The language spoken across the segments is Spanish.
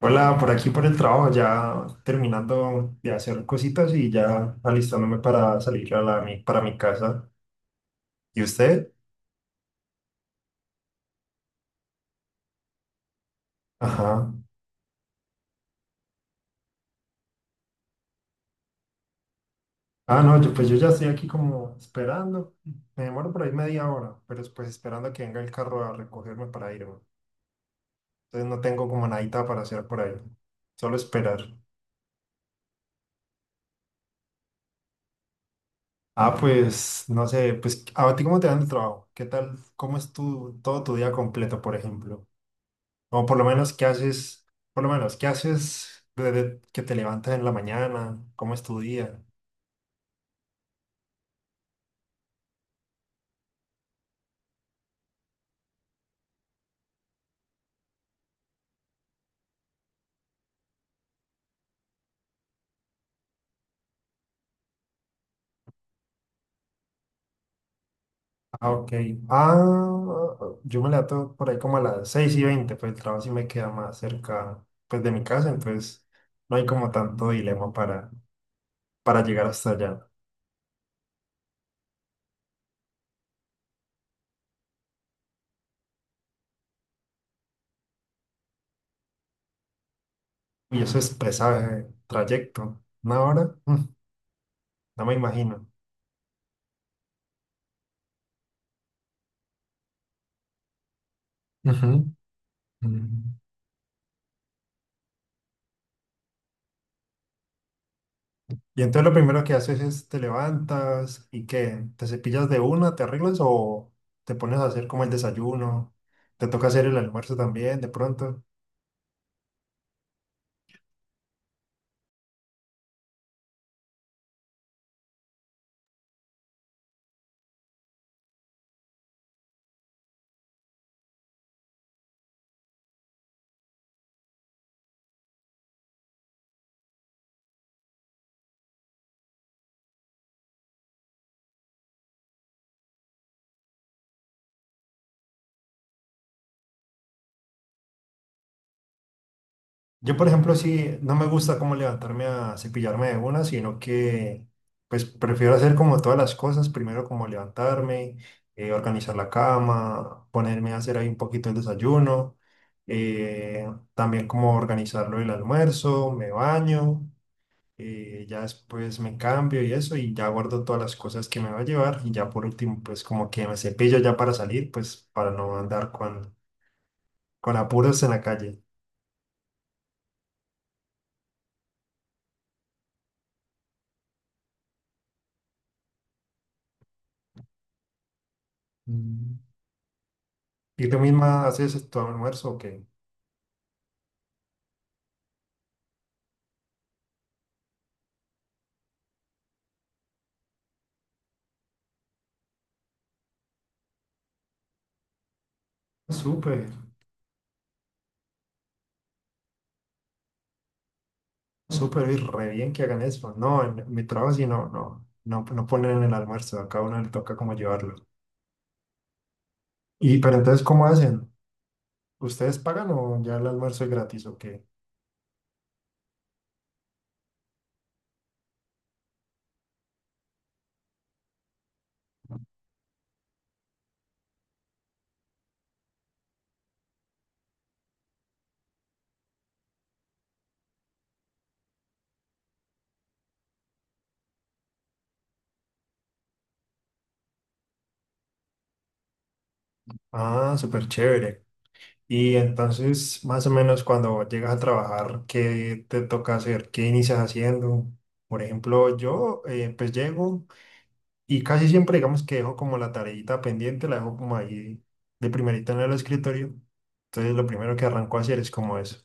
Hola, por aquí por el trabajo, ya terminando de hacer cositas y ya alistándome para salir para mi casa. ¿Y usted? Ajá. Ah, no, yo ya estoy aquí como esperando. Me demoro por ahí media hora, pero pues esperando a que venga el carro a recogerme para irme. Entonces no tengo como nadita para hacer por ahí, solo esperar. Ah, pues no sé, pues a ti cómo te dan el trabajo, ¿qué tal? ¿Cómo es todo tu día completo, por ejemplo? O por lo menos, ¿qué haces? Por lo menos, ¿qué haces desde que te levantas en la mañana? ¿Cómo es tu día? Ah, ok. Ah, yo me levanto por ahí como a las 6:20, pues el trabajo sí me queda más cerca, pues, de mi casa, entonces no hay como tanto dilema para llegar hasta allá. Y eso es pesado, trayecto. 1 hora. Mm, no me imagino. Ujú. Mm. Y entonces lo primero que haces es te levantas y qué, ¿te cepillas de una, te arreglas o te pones a hacer como el desayuno? Te toca hacer el almuerzo también, de pronto. Yo, por ejemplo, sí, no me gusta como levantarme a cepillarme de una, sino que pues prefiero hacer como todas las cosas, primero como levantarme, organizar la cama, ponerme a hacer ahí un poquito el desayuno, eh, también como organizarlo el almuerzo, me baño. Ya después me cambio y eso, y ya guardo todas las cosas que me va a llevar, y ya por último, pues como que me cepillo ya para salir, pues para no andar con, apuros en la calle. Mm. ¿Y tú misma haces tu almuerzo o qué? Súper, súper, y re bien que hagan eso. No, en mi trabajo sí no, no, no, no ponen el almuerzo, a cada uno le toca como llevarlo. Y pero entonces, ¿cómo hacen? ¿Ustedes pagan o ya el almuerzo es gratis o qué? Ah, súper chévere. Y entonces, más o menos cuando llegas a trabajar, ¿qué te toca hacer? ¿Qué inicias haciendo? Por ejemplo, yo pues llego y casi siempre digamos que dejo como la tareita pendiente, la dejo como ahí de primerita en el escritorio. Entonces lo primero que arranco a hacer es como eso.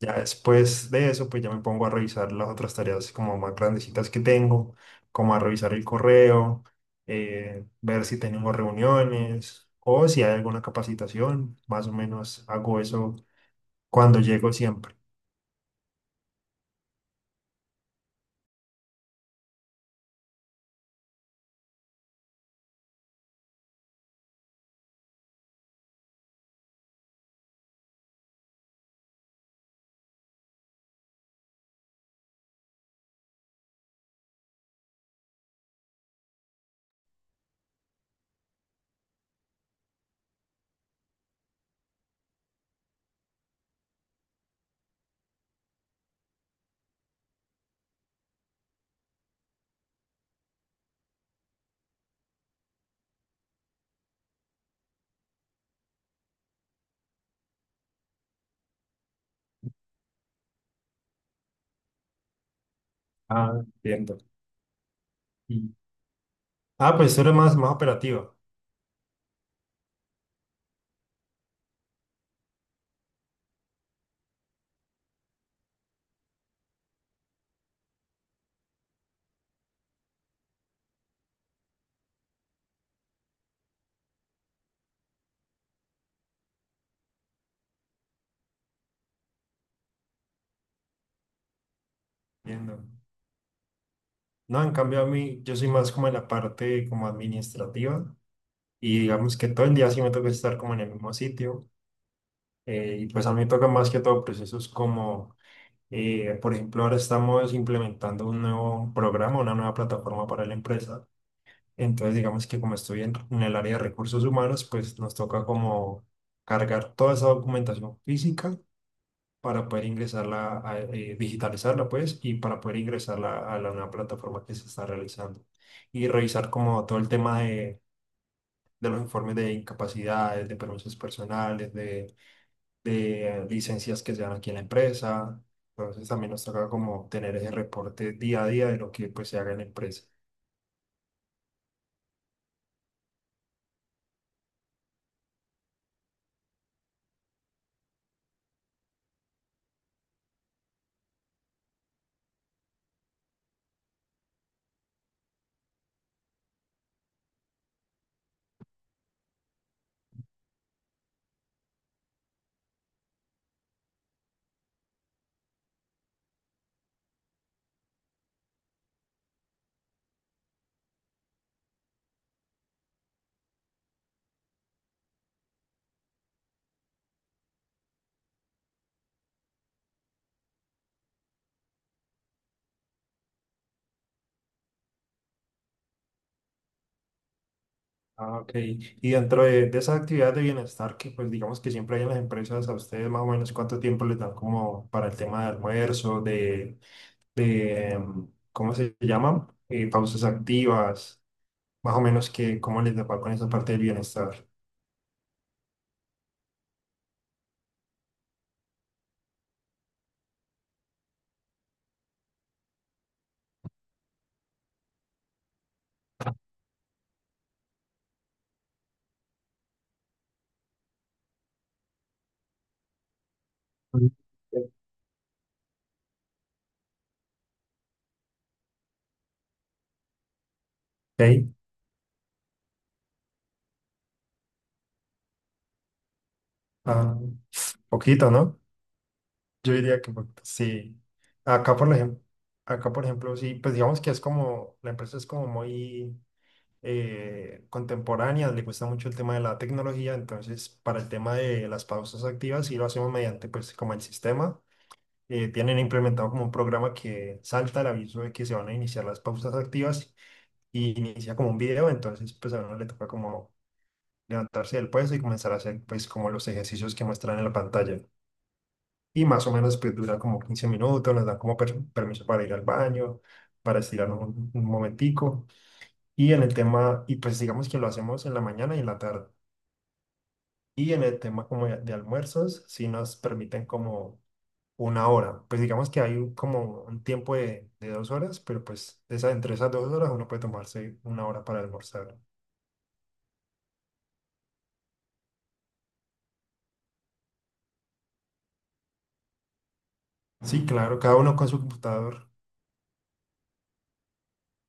Ya después de eso, pues ya me pongo a revisar las otras tareas, como más grandecitas, que tengo, como a revisar el correo, ver si tenemos reuniones o si hay alguna capacitación. Más o menos hago eso cuando llego siempre. Ah, entiendo. Y- Ah, pues tú eres más, más operativa. Entiendo. No, en cambio a mí, yo soy más como en la parte como administrativa y digamos que todo el día sí me toca estar como en el mismo sitio. Y pues a mí me toca más que todo procesos como, por ejemplo, ahora estamos implementando un nuevo programa, una nueva plataforma para la empresa. Entonces, digamos que como estoy en el área de recursos humanos, pues nos toca como cargar toda esa documentación física para poder ingresarla, digitalizarla, pues, y para poder ingresarla a la nueva plataforma que se está realizando. Y revisar como todo el tema de, los informes de incapacidades, de permisos personales, de licencias que se dan aquí en la empresa. Entonces también nos toca como tener ese reporte día a día de lo que pues se haga en la empresa. Ah, ok. Y dentro de esas actividades de bienestar que, pues digamos que siempre hay en las empresas, a ustedes más o menos ¿cuánto tiempo les dan como para el tema de almuerzo, de, ¿cómo se llaman? Pausas activas? Más o menos, que ¿cómo les va con esa parte del bienestar? Mm. Ok, ah, poquito, ¿no? Yo diría que sí. Acá, por ejemplo, acá, por ejemplo, sí, pues digamos que es como, la empresa es como muy contemporánea, le cuesta mucho el tema de la tecnología, entonces para el tema de las pausas activas sí lo hacemos mediante, pues, como el sistema. Tienen implementado como un programa que salta el aviso de que se van a iniciar las pausas activas, y inicia como un video, entonces pues a uno le toca como levantarse del puesto y comenzar a hacer, pues, como los ejercicios que muestran en la pantalla. Y más o menos pues dura como 15 minutos, nos dan como permiso para ir al baño, para estirar un, momentico. Y en el tema, y pues digamos que lo hacemos en la mañana y en la tarde. Y en el tema como de almuerzos, sí nos permiten como 1 hora. Pues digamos que hay como un tiempo de 2 horas, pero pues esa, entre esas 2 horas uno puede tomarse 1 hora para almorzar. Sí, claro, cada uno con su computador,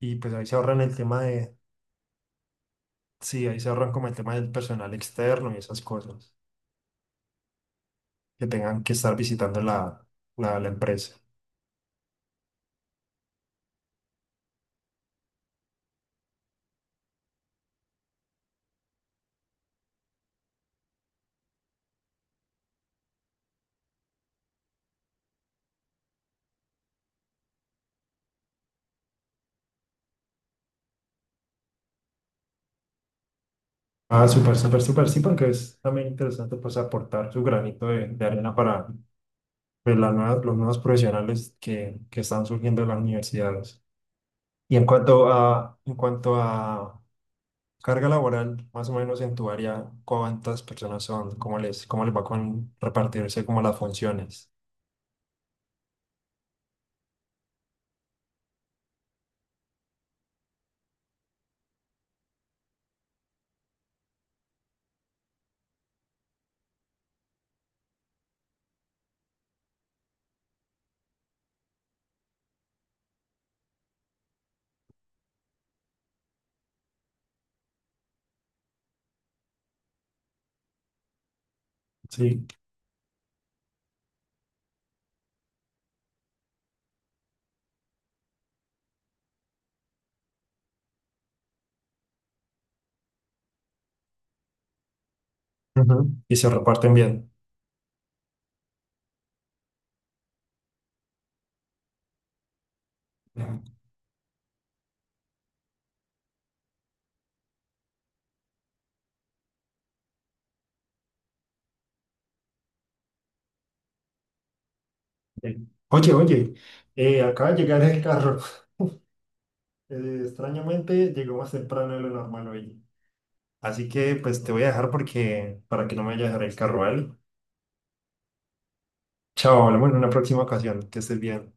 y pues ahí se ahorran el tema de, sí, ahí se ahorran como el tema del personal externo y esas cosas que tengan que estar visitando la, empresa. Ah, súper, súper, súper, sí, porque es también interesante pues aportar su granito de arena para, pues, los nuevos profesionales que están surgiendo en las universidades. Y en cuanto a carga laboral, más o menos en tu área, ¿cuántas personas son? Cómo les va con repartirse como las funciones? Sí. Ujú. Y se reparten bien. Sí. Oye, oye, acaba de llegar el carro. Extrañamente llegó más temprano de lo normal hoy. Así que pues te voy a dejar, porque para que no me vaya a dejar el carro, ¿vale? Chao, hablamos en una próxima ocasión. Que estés bien.